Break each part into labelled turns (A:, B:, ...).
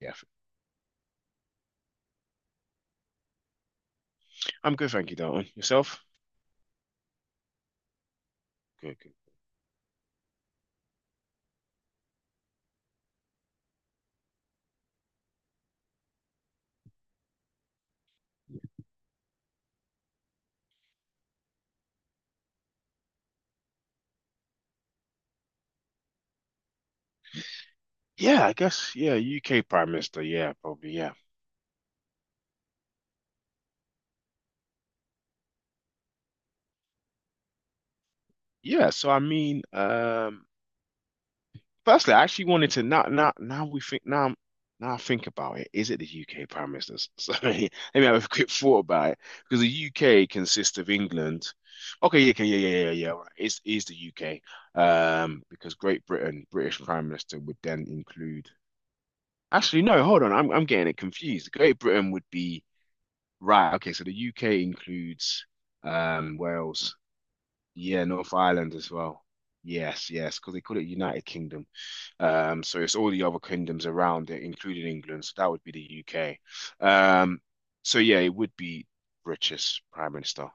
A: Yeah, I'm good, thank you, Dalton. Yourself? Good, good. Yeah, I guess, yeah, UK Prime Minister, yeah, probably, yeah. Yeah, so I mean, firstly, I actually wanted to now I think about it, is it the UK Prime Minister? So let me have a quick thought about it, because the UK consists of England. Okay, yeah, okay, yeah, yeah, yeah, yeah, right. It's the UK, because Great Britain, British Prime Minister would then include. Actually, no, hold on, I'm getting it confused. Great Britain would be. Right. Okay. So the UK includes Wales. Yeah, North Ireland as well. Yes, yes, because they call it United Kingdom. So it's all the other kingdoms around it, including England. So that would be the UK. Um, so yeah, it would be British Prime Minister.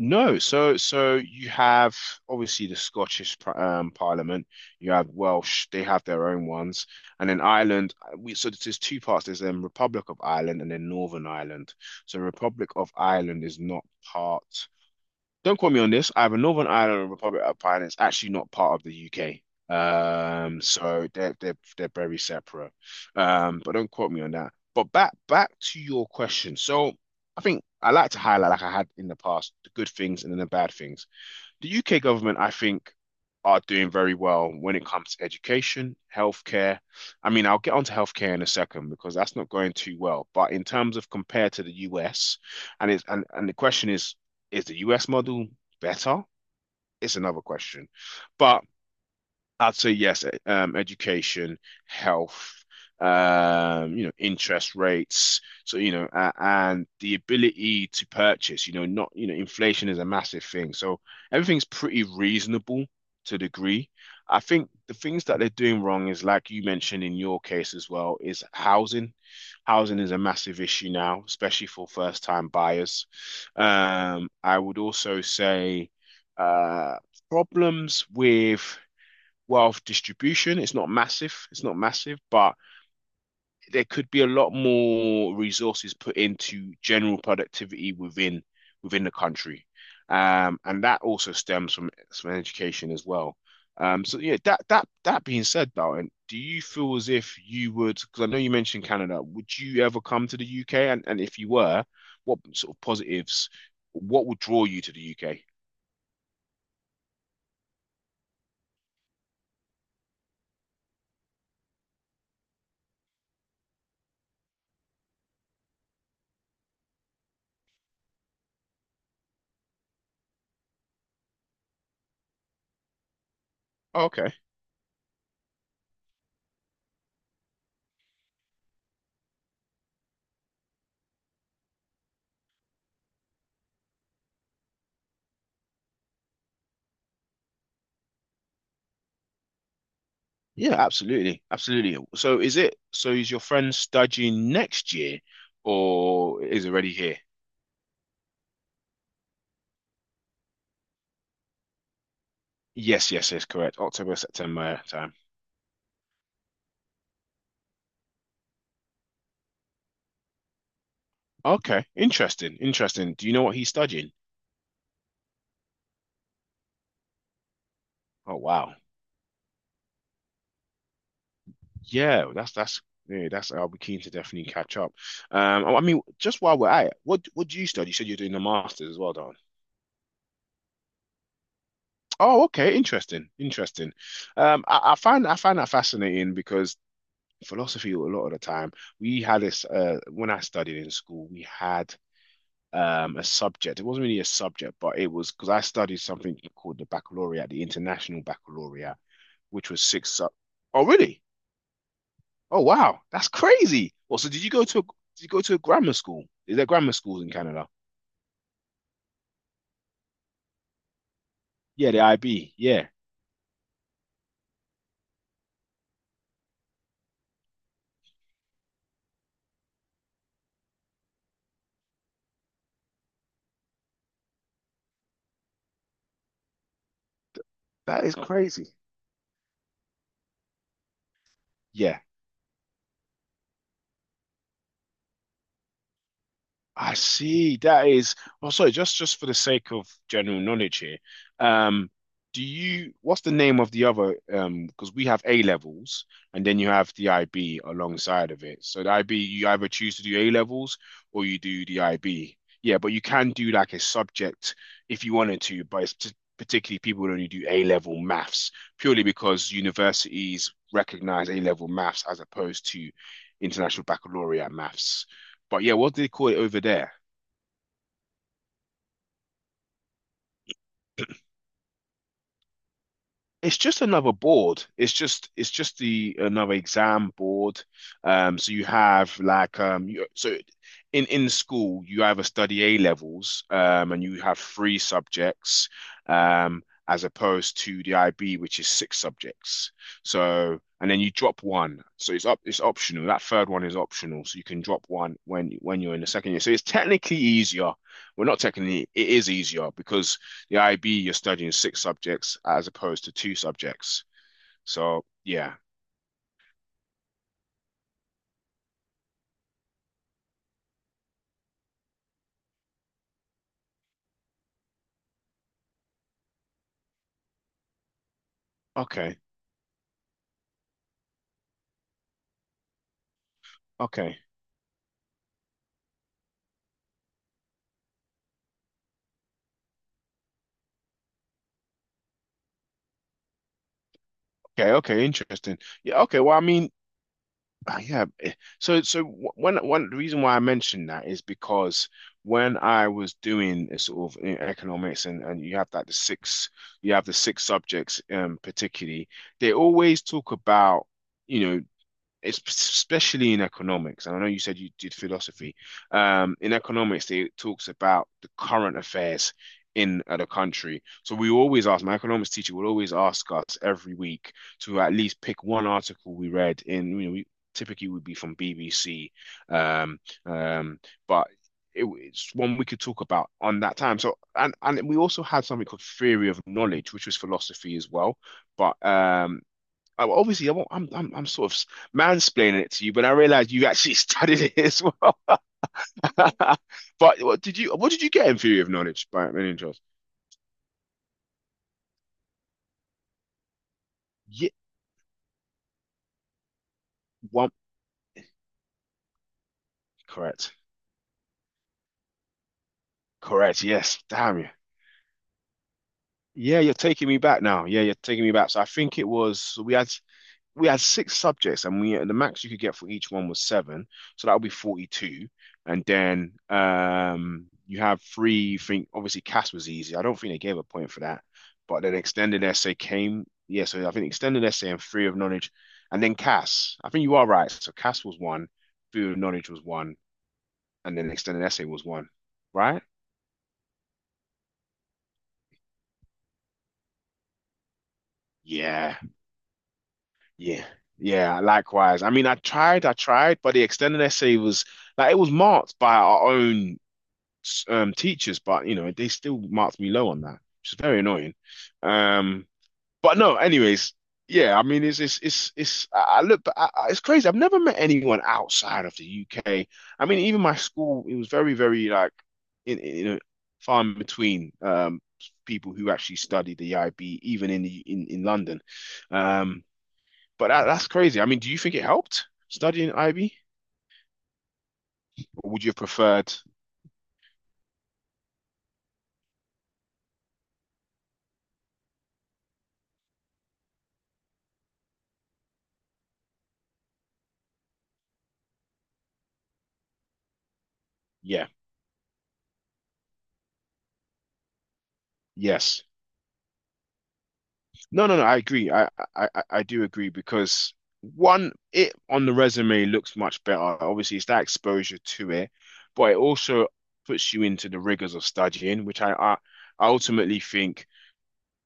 A: No, so you have obviously the Scottish Parliament. You have Welsh; they have their own ones, and then Ireland. We. So there's two parts. There's Republic of Ireland and then Northern Ireland. So Republic of Ireland is not part. Don't quote me on this. Either Northern Ireland or Republic of Ireland is actually not part of the UK. So they're very separate. But don't quote me on that. But back to your question. So I think I like to highlight, like I had in the past, the good things and then the bad things the UK government, I think, are doing very well when it comes to education, healthcare. I mean, I'll get onto healthcare in a second because that's not going too well. But in terms of compared to the US, and the question is the US model better? It's another question. But I'd say yes, education, health, you know, interest rates. So, you know, and the ability to purchase, you know, not, you know, inflation is a massive thing. So everything's pretty reasonable to a degree. I think the things that they're doing wrong is, like you mentioned in your case as well, is housing. Housing is a massive issue now, especially for first-time buyers. I would also say uh, problems with wealth distribution. It's not massive. It's not massive, but there could be a lot more resources put into general productivity within the country, and that also stems from education as well. So yeah, that being said, Dalton, do you feel as if you would? Because I know you mentioned Canada. Would you ever come to the UK? And if you were, what sort of positives? What would draw you to the UK? Oh, okay. Yeah, absolutely. Absolutely. So is it so is your friend studying next year or is already here? Yes, yes, yes, correct. October, September, yeah, time. Okay. Interesting. Interesting. Do you know what he's studying? Oh wow. Yeah, that's I'll be keen to definitely catch up. I mean just while we're at it, what do you study? You said you're doing a master's as well, Don. Oh, okay, interesting, interesting. I find that fascinating because philosophy a lot of the time. We had this when I studied in school, we had a subject. It wasn't really a subject, but it was because I studied something called the baccalaureate, the International Baccalaureate, which was six sub. Oh, really? Oh, wow, that's crazy. Well, so did you go to a grammar school? Is there grammar schools in Canada? Yeah, the IB. Yeah, that is Oh, crazy. Yeah, I see. That is, well, sorry, just for the sake of general knowledge here, um, what's the name of the other, because we have A levels and then you have the IB alongside of it. So the IB, you either choose to do A levels or you do the IB. Yeah, but you can do like a subject if you wanted to, particularly people who only do A level maths purely because universities recognize A level maths as opposed to International Baccalaureate maths. But yeah, what do they call it over there? It's just another board. It's just the another exam board. So you have like so in school you either study A levels and you have three subjects, as opposed to the IB which is six subjects. So and then you drop one. So it's optional. That third one is optional. So you can drop one when you're in the second year. So it's technically easier. Well, not technically, it is easier because the IB, you're studying six subjects as opposed to two subjects. So yeah, okay, okay, okay, okay, interesting. Yeah, okay. Well, I mean, yeah. So so wh- one one the reason why I mentioned that is because when I was doing a sort of economics and you have the six subjects, particularly they always talk about. You know, it's especially in economics, and I know you said you did philosophy. In economics, it talks about the current affairs in the country. So we always ask, my economics teacher will always ask us every week to at least pick one article we read in, you know, we typically would be from BBC, um, um, but it's one we could talk about on that time. So, and we also had something called theory of knowledge, which was philosophy as well, but obviously, I won't, I'm sort of mansplaining it to you, but I realized you actually studied it as well. But what did you get in theory of knowledge by many interest? Yeah, one correct, correct. Yes, damn you. Yeah, you're taking me back now. Yeah, you're taking me back. So I think it was. We had six subjects and we the max you could get for each one was seven, so that would be 42. And then, you have three. Think Obviously, CAS was easy. I don't think they gave a point for that, but then extended essay came. Yeah, so I think extended essay and theory of knowledge and then CAS. I think you are right. So CAS was one, theory of knowledge was one, and then extended essay was one. Right. Yeah. Yeah, yeah, likewise. I mean, I tried, but the extended essay was like it was marked by our own, teachers, but you know they still marked me low on that, which is very annoying. Um, but no, anyways, yeah, I mean it's I look, but I- it's crazy. I've never met anyone outside of the UK. I mean, even my school, it was very very like you know, far in between, people who actually studied the IB, even in the in London. Um, but that's crazy. I mean, do you think it helped studying IB, or would you have preferred? Yeah. Yes. No, no, no. I agree. I do agree because one, it on the resume looks much better. Obviously, it's that exposure to it, but it also puts you into the rigors of studying, which I ultimately think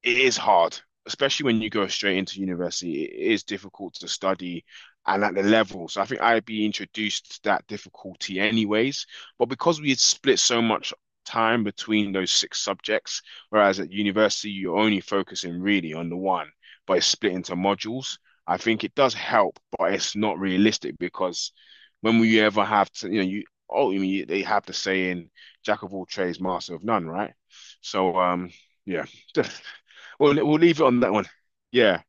A: it is hard, especially when you go straight into university. It is difficult to study and at the level. So I think IB introduced that difficulty anyways. But because we had split so much time between those six subjects, whereas at university you're only focusing really on the one, but it's split into modules. I think it does help, but it's not realistic because when will you ever have to, you know, you oh, I mean, they have the saying, "Jack of all trades, master of none," right? So, yeah. We'll leave it on that one. Yeah.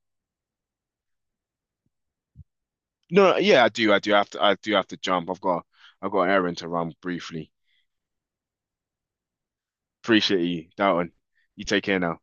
A: No, no, yeah, I do. I do have to. I do have to jump. I've got an errand to run briefly. Appreciate you, that one. You take care now.